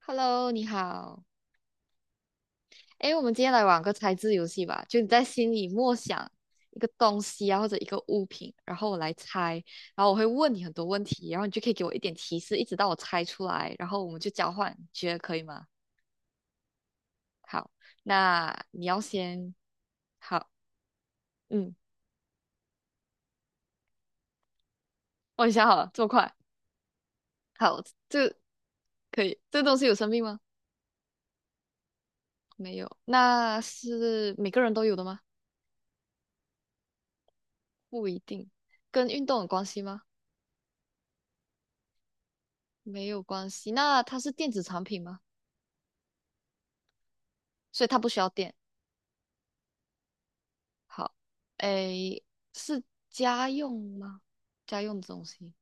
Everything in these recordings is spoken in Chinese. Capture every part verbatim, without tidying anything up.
Hello，你好。诶，我们今天来玩个猜字游戏吧。就你在心里默想一个东西啊，或者一个物品，然后我来猜，然后我会问你很多问题，然后你就可以给我一点提示，一直到我猜出来，然后我们就交换，你觉得可以吗？好，那你要先，好，嗯，我已经想好了，这么快，好，这可以。这个东西有生命吗？没有。那是每个人都有的吗？不一定。跟运动有关系吗？没有关系。那它是电子产品吗？所以它不需要电。好，诶，是家用吗？家用的东西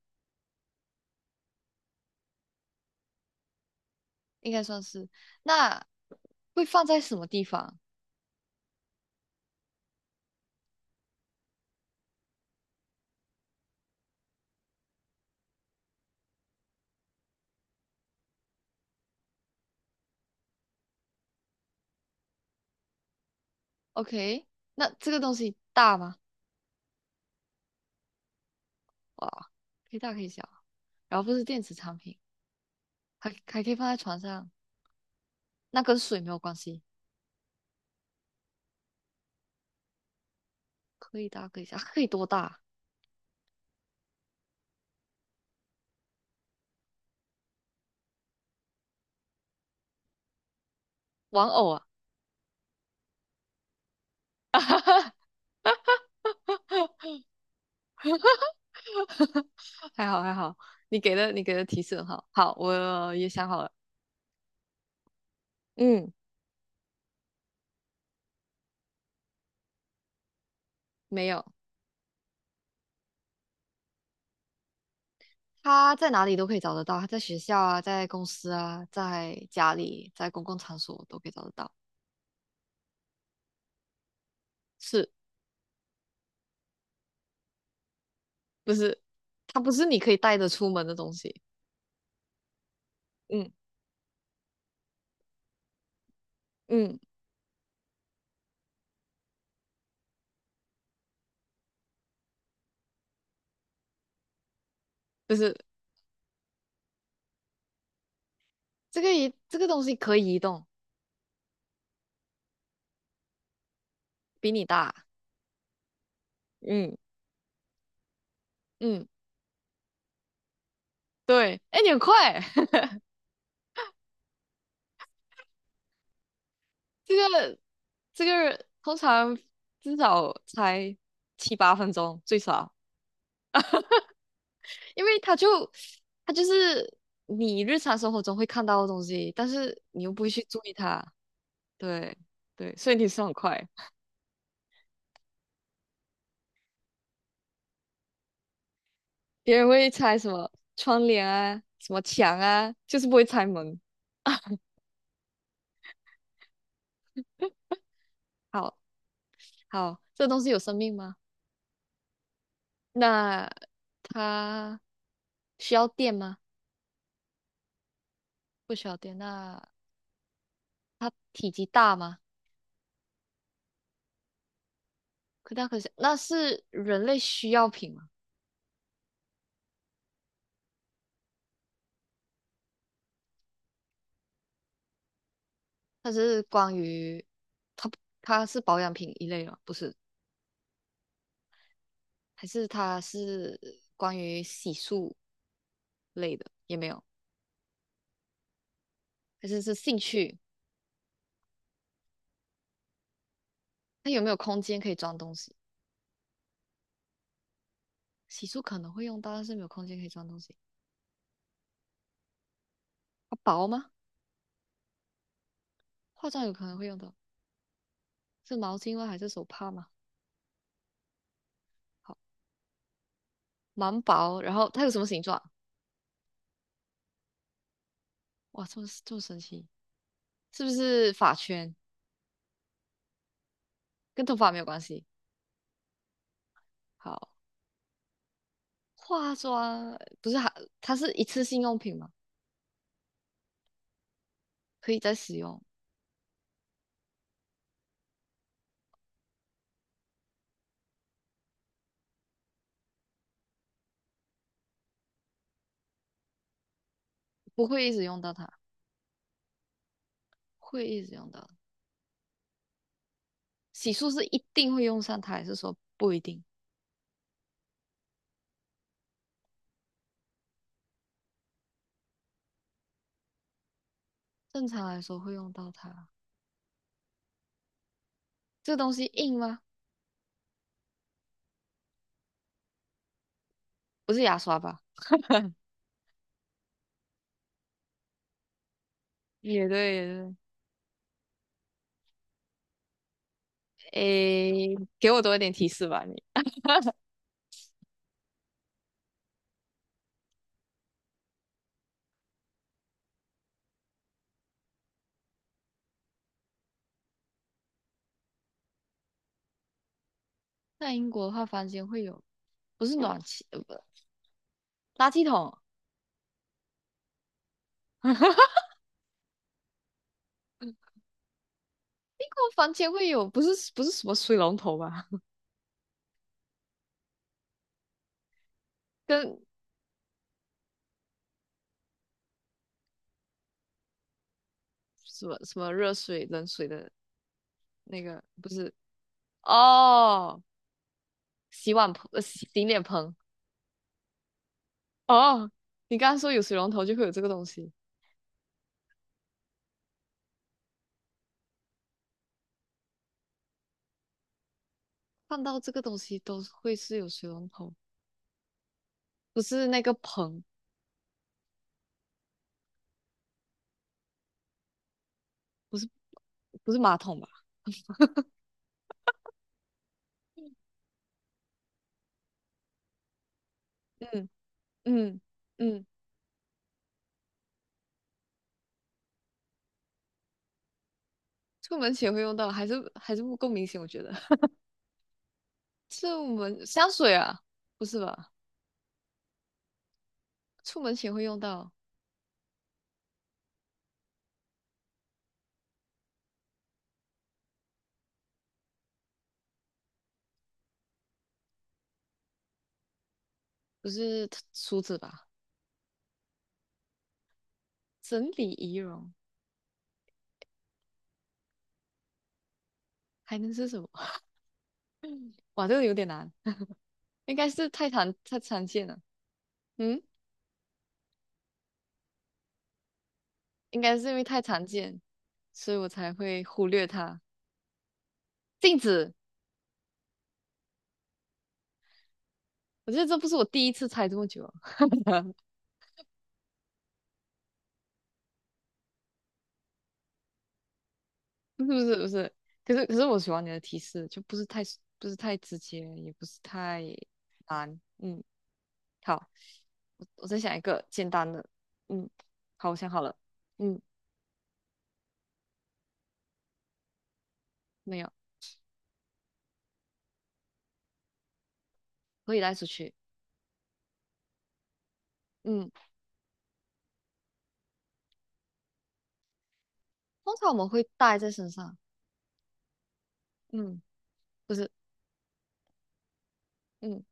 应该算是。那会放在什么地方？OK，那这个东西大吗？哇，可以大可以小。然后不是电子产品，还还可以放在床上。那跟水没有关系，可以大可以小，可以多大？玩偶啊，还好还好，你给的你给的提示很好。好，我也想好了。嗯，没有。他在哪里都可以找得到，他在学校啊，在公司啊，在家里，在公共场所都可以找得到。是不是？它不是你可以带着出门的东西。嗯嗯，不是这个移这个东西可以移动，比你大。嗯，嗯，对。哎，你很快，这个这个通常至少才七八分钟最少，因为它就它就是你日常生活中会看到的东西，但是你又不会去注意它。对对，所以你是很快，别人会拆什么窗帘啊，什么墙啊，就是不会拆门。好好，这东西有生命吗？那它需要电吗？不需要电。那它体积大吗？可大可小。那是人类需要品吗？它是关于它不它是保养品一类吗？不是，还是它是关于洗漱类的？也没有，还是是兴趣？它有没有空间可以装东西？洗漱可能会用到，但是没有空间可以装东西。它薄吗？化妆有可能会用到，是毛巾吗？还是手帕吗？好，蛮薄。然后它有什么形状？哇，这么这么神奇，是不是发圈？跟头发没有关系。好，化妆不是还它是一次性用品吗？可以再使用，不会一直用到它，会一直用到。洗漱是一定会用上它，还是说不一定？正常来说会用到它。这个东西硬吗？不是牙刷吧？也对，也对。诶，给我多一点提示吧，你。在英国的话，房间会有，不是暖气，呃，不，垃圾桶。英国房间会有，不是不是什么水龙头吧？跟什么什么热水、冷水的那个不是哦，洗碗盆、呃，洗洗脸盆。哦，你刚刚说有水龙头就会有这个东西，看到这个东西都会是有水龙头，不是那个盆，不是不是马桶吧？嗯嗯嗯，出门前会用到，还是还是不够明显，我觉得。这我们香水啊，不是吧？出门前会用到，不是梳子吧？整理仪容还能是什么？哇，这个有点难，应该是太常太常见了。嗯，应该是因为太常见，所以我才会忽略它。镜子，我觉得这不是我第一次猜这么久啊，不是不是不是，可是可是我喜欢你的提示，就不是太不是太直接，也不是太难。嗯，好。我我在想一个简单的，嗯，好，我想好了，嗯，没有，可以带出去，嗯，通常我们会带在身上，嗯，不是，嗯，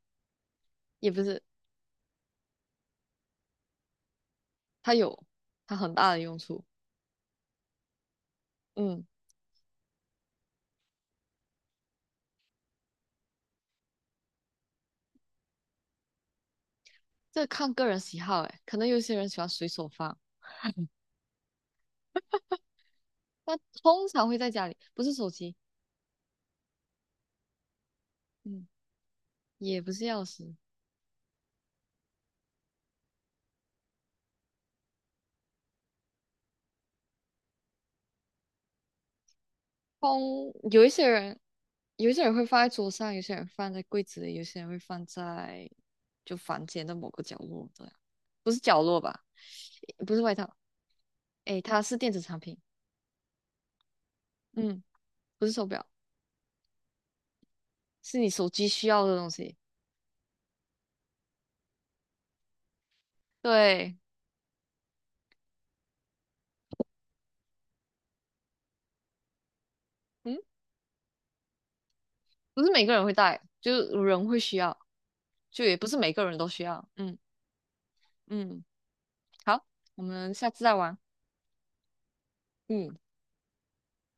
也不是，它有它很大的用处，嗯，这看个人喜好，诶，可能有些人喜欢随手放，那通常会在家里，不是手机，嗯，也不是钥匙，通有一些人，有一些人会放在桌上，有些人放在柜子里，有些人会放在就房间的某个角落，这样，不是角落吧，不是外套。诶，它是电子产品，嗯，不是手表，是你手机需要的东西。对，嗯，不是每个人会带，就是人会需要，就也不是每个人都需要。嗯嗯，好，我们下次再玩。嗯。